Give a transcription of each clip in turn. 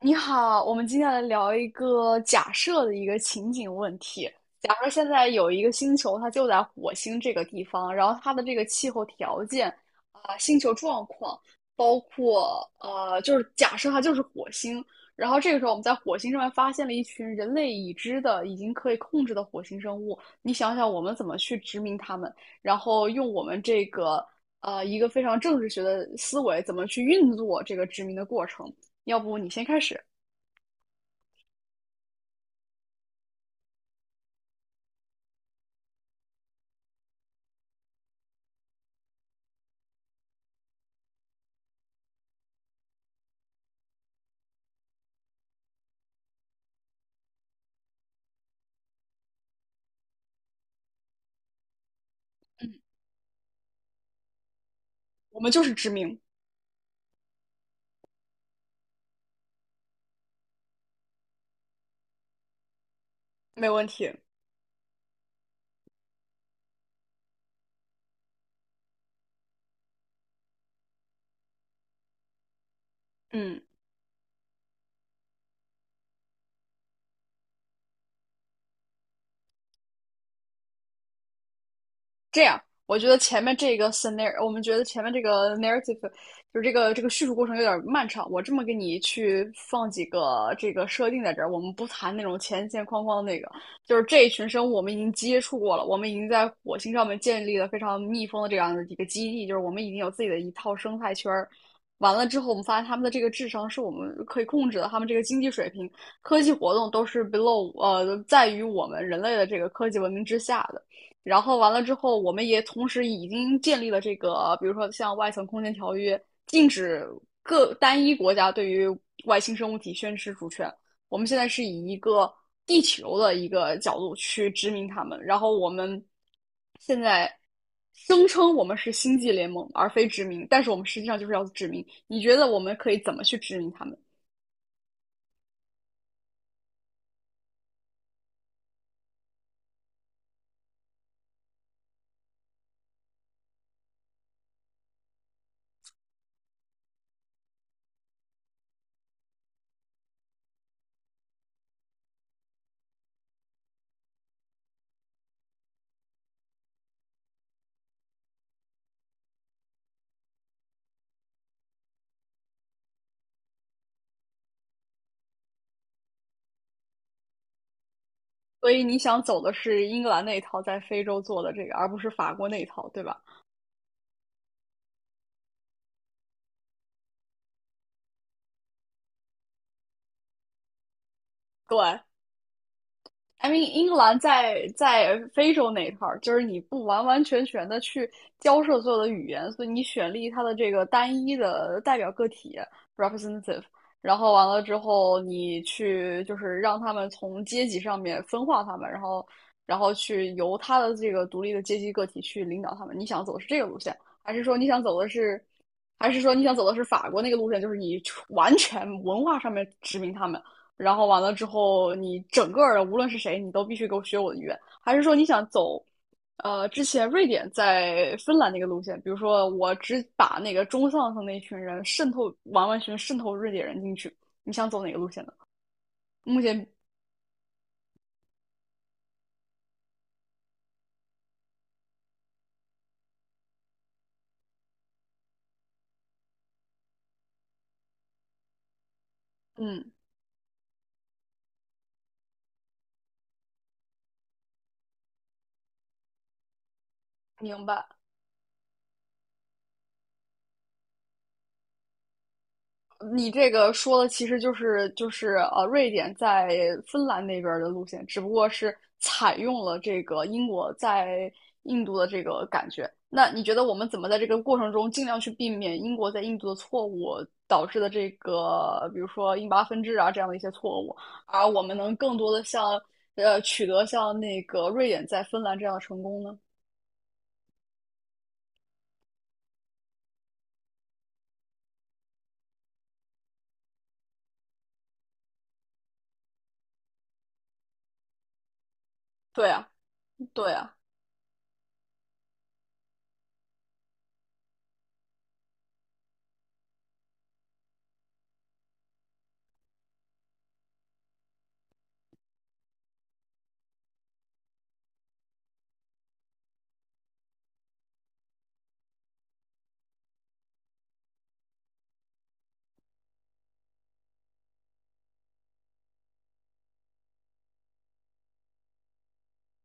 你好，我们今天来聊一个假设的一个情景问题。假设现在有一个星球，它就在火星这个地方，然后它的这个气候条件啊、星球状况，包括就是假设它就是火星。然后这个时候，我们在火星上面发现了一群人类已知的、已经可以控制的火星生物。你想想，我们怎么去殖民它们？然后用我们这个一个非常政治学的思维，怎么去运作这个殖民的过程？要不你先开始？嗯，我们就是知名，没问题。嗯，这样，我觉得前面这个 scenario，我们觉得前面这个 narrative，就是这个叙述过程有点漫长。我这么给你去放几个这个设定在这儿，我们不谈那种前前框框的那个，就是这一群生物我们已经接触过了，我们已经在火星上面建立了非常密封的这样的一个基地，就是我们已经有自己的一套生态圈儿。完了之后，我们发现他们的这个智商是我们可以控制的，他们这个经济水平、科技活动都是 below 在于我们人类的这个科技文明之下的。然后完了之后，我们也同时已经建立了这个，比如说像外层空间条约，禁止各单一国家对于外星生物体宣示主权。我们现在是以一个地球的一个角度去殖民他们，然后我们现在声称我们是星际联盟而非殖民，但是我们实际上就是要殖民。你觉得我们可以怎么去殖民他们？所以你想走的是英格兰那一套在非洲做的这个，而不是法国那一套，对吧？对，I mean，英格兰在非洲那一块儿，就是你不完完全全的去交涉所有的语言，所以你选立他的这个单一的代表个体 representative，然后完了之后，你去就是让他们从阶级上面分化他们，然后去由他的这个独立的阶级个体去领导他们。你想走的是这个路线，还是说你想走的是，还是说你想走的是法国那个路线，就是你完全文化上面殖民他们？然后完了之后，你整个的无论是谁，你都必须给我学我的语言，还是说你想走，之前瑞典在芬兰那个路线，比如说我只把那个中上层那群人渗透完完全渗透瑞典人进去，你想走哪个路线呢？目前，嗯，明白。你这个说的其实就是瑞典在芬兰那边的路线，只不过是采用了这个英国在印度的这个感觉。那你觉得我们怎么在这个过程中尽量去避免英国在印度的错误导致的这个，比如说印巴分治啊这样的一些错误，而我们能更多的像取得像那个瑞典在芬兰这样的成功呢？对啊，对啊。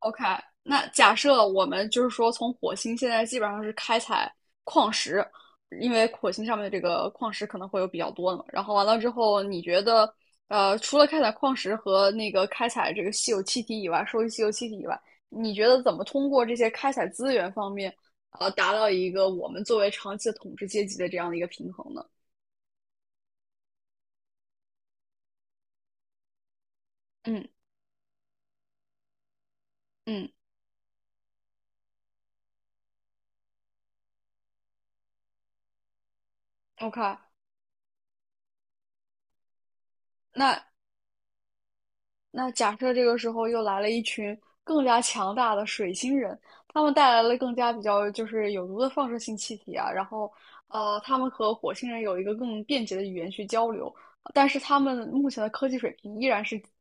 OK，那假设我们就是说，从火星现在基本上是开采矿石，因为火星上面的这个矿石可能会有比较多的嘛。然后完了之后，你觉得，除了开采矿石和那个开采这个稀有气体以外，收集稀有气体以外，你觉得怎么通过这些开采资源方面，达到一个我们作为长期的统治阶级的这样的一个平衡呢？嗯嗯，OK，那那假设这个时候又来了一群更加强大的水星人，他们带来了更加比较就是有毒的放射性气体啊，然后他们和火星人有一个更便捷的语言去交流，但是他们目前的科技水平依然是比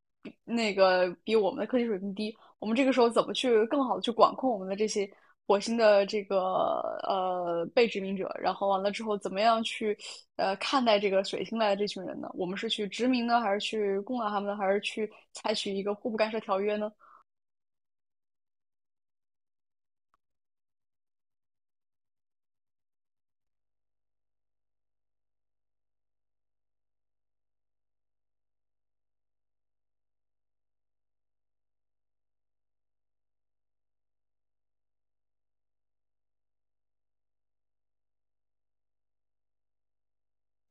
那个比我们的科技水平低，我们这个时候怎么去更好的去管控我们的这些火星的这个被殖民者？然后完了之后，怎么样去看待这个水星来的这群人呢？我们是去殖民呢，还是去攻打他们呢，还是去采取一个互不干涉条约呢？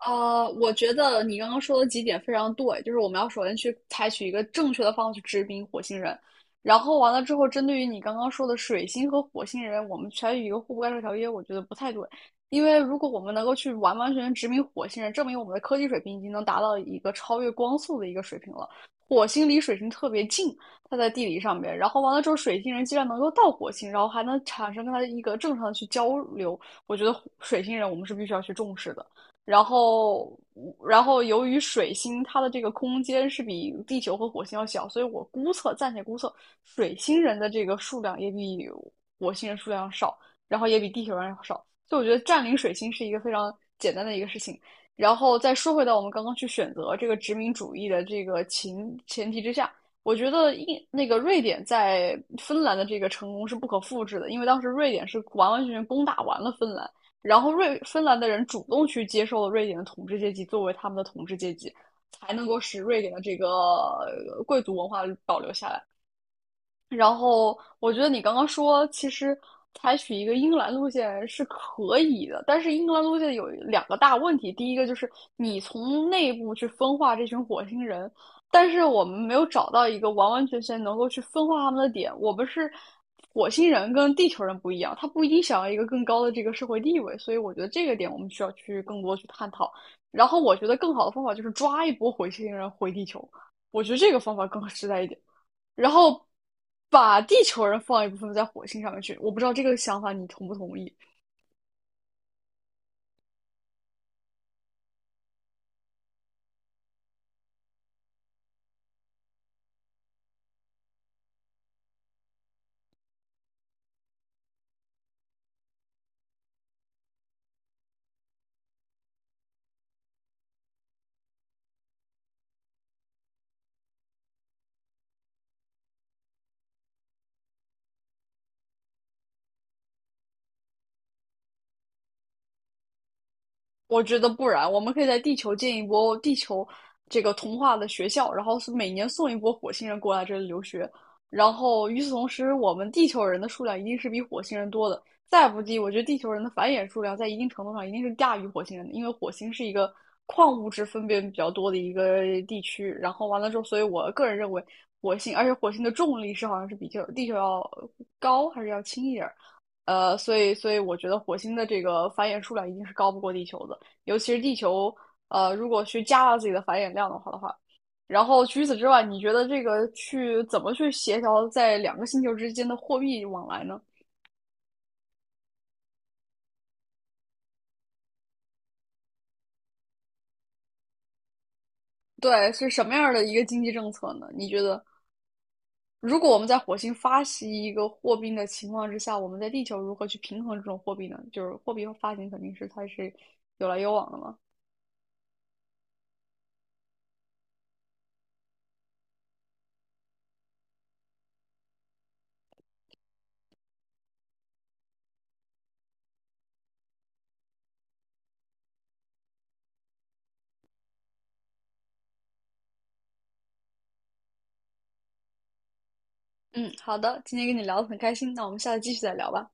我觉得你刚刚说的几点非常对，就是我们要首先去采取一个正确的方法去治病火星人，然后完了之后，针对于你刚刚说的水星和火星人，我们采取一个互不干涉条约，我觉得不太对，因为如果我们能够去完完全全殖民火星人，证明我们的科技水平已经能达到一个超越光速的一个水平了。火星离水星特别近，它在地理上面，然后完了之后，水星人既然能够到火星，然后还能产生跟它一个正常的去交流，我觉得火水星人我们是必须要去重视的。然后，然后由于水星它的这个空间是比地球和火星要小，所以我估测，暂且估测，水星人的这个数量也比火星人数量要少，然后也比地球人要少。所以我觉得占领水星是一个非常简单的一个事情。然后再说回到我们刚刚去选择这个殖民主义的这个前提之下，我觉得印那个瑞典在芬兰的这个成功是不可复制的，因为当时瑞典是完完全全攻打完了芬兰。然后瑞芬兰的人主动去接受了瑞典的统治阶级作为他们的统治阶级，才能够使瑞典的这个贵族文化保留下来。然后我觉得你刚刚说，其实采取一个英格兰路线是可以的，但是英格兰路线有两个大问题。第一个就是你从内部去分化这群火星人，但是我们没有找到一个完完全全能够去分化他们的点。我们是火星人跟地球人不一样，他不一定想要一个更高的这个社会地位，所以我觉得这个点我们需要去更多去探讨。然后我觉得更好的方法就是抓一波火星人回地球，我觉得这个方法更 实在一点。然后把地球人放一部分在火星上面去。我不知道这个想法你同不同意。我觉得不然，我们可以在地球建一波地球这个童话的学校，然后是每年送一波火星人过来这里留学。然后与此同时，我们地球人的数量一定是比火星人多的。再不济，我觉得地球人的繁衍数量在一定程度上一定是大于火星人的，因为火星是一个矿物质分辨比较多的一个地区。然后完了之后，所以我个人认为火星，而且火星的重力是好像是比较地球要高还是要轻一点所以我觉得火星的这个繁衍数量一定是高不过地球的。尤其是地球，如果去加大自己的繁衍量的话，然后除此之外，你觉得这个去怎么去协调在两个星球之间的货币往来呢？对，是什么样的一个经济政策呢？你觉得，如果我们在火星发行一个货币的情况之下，我们在地球如何去平衡这种货币呢？就是货币发行肯定是它是有来有往的嘛。嗯，好的，今天跟你聊得很开心，那我们下次继续再聊吧。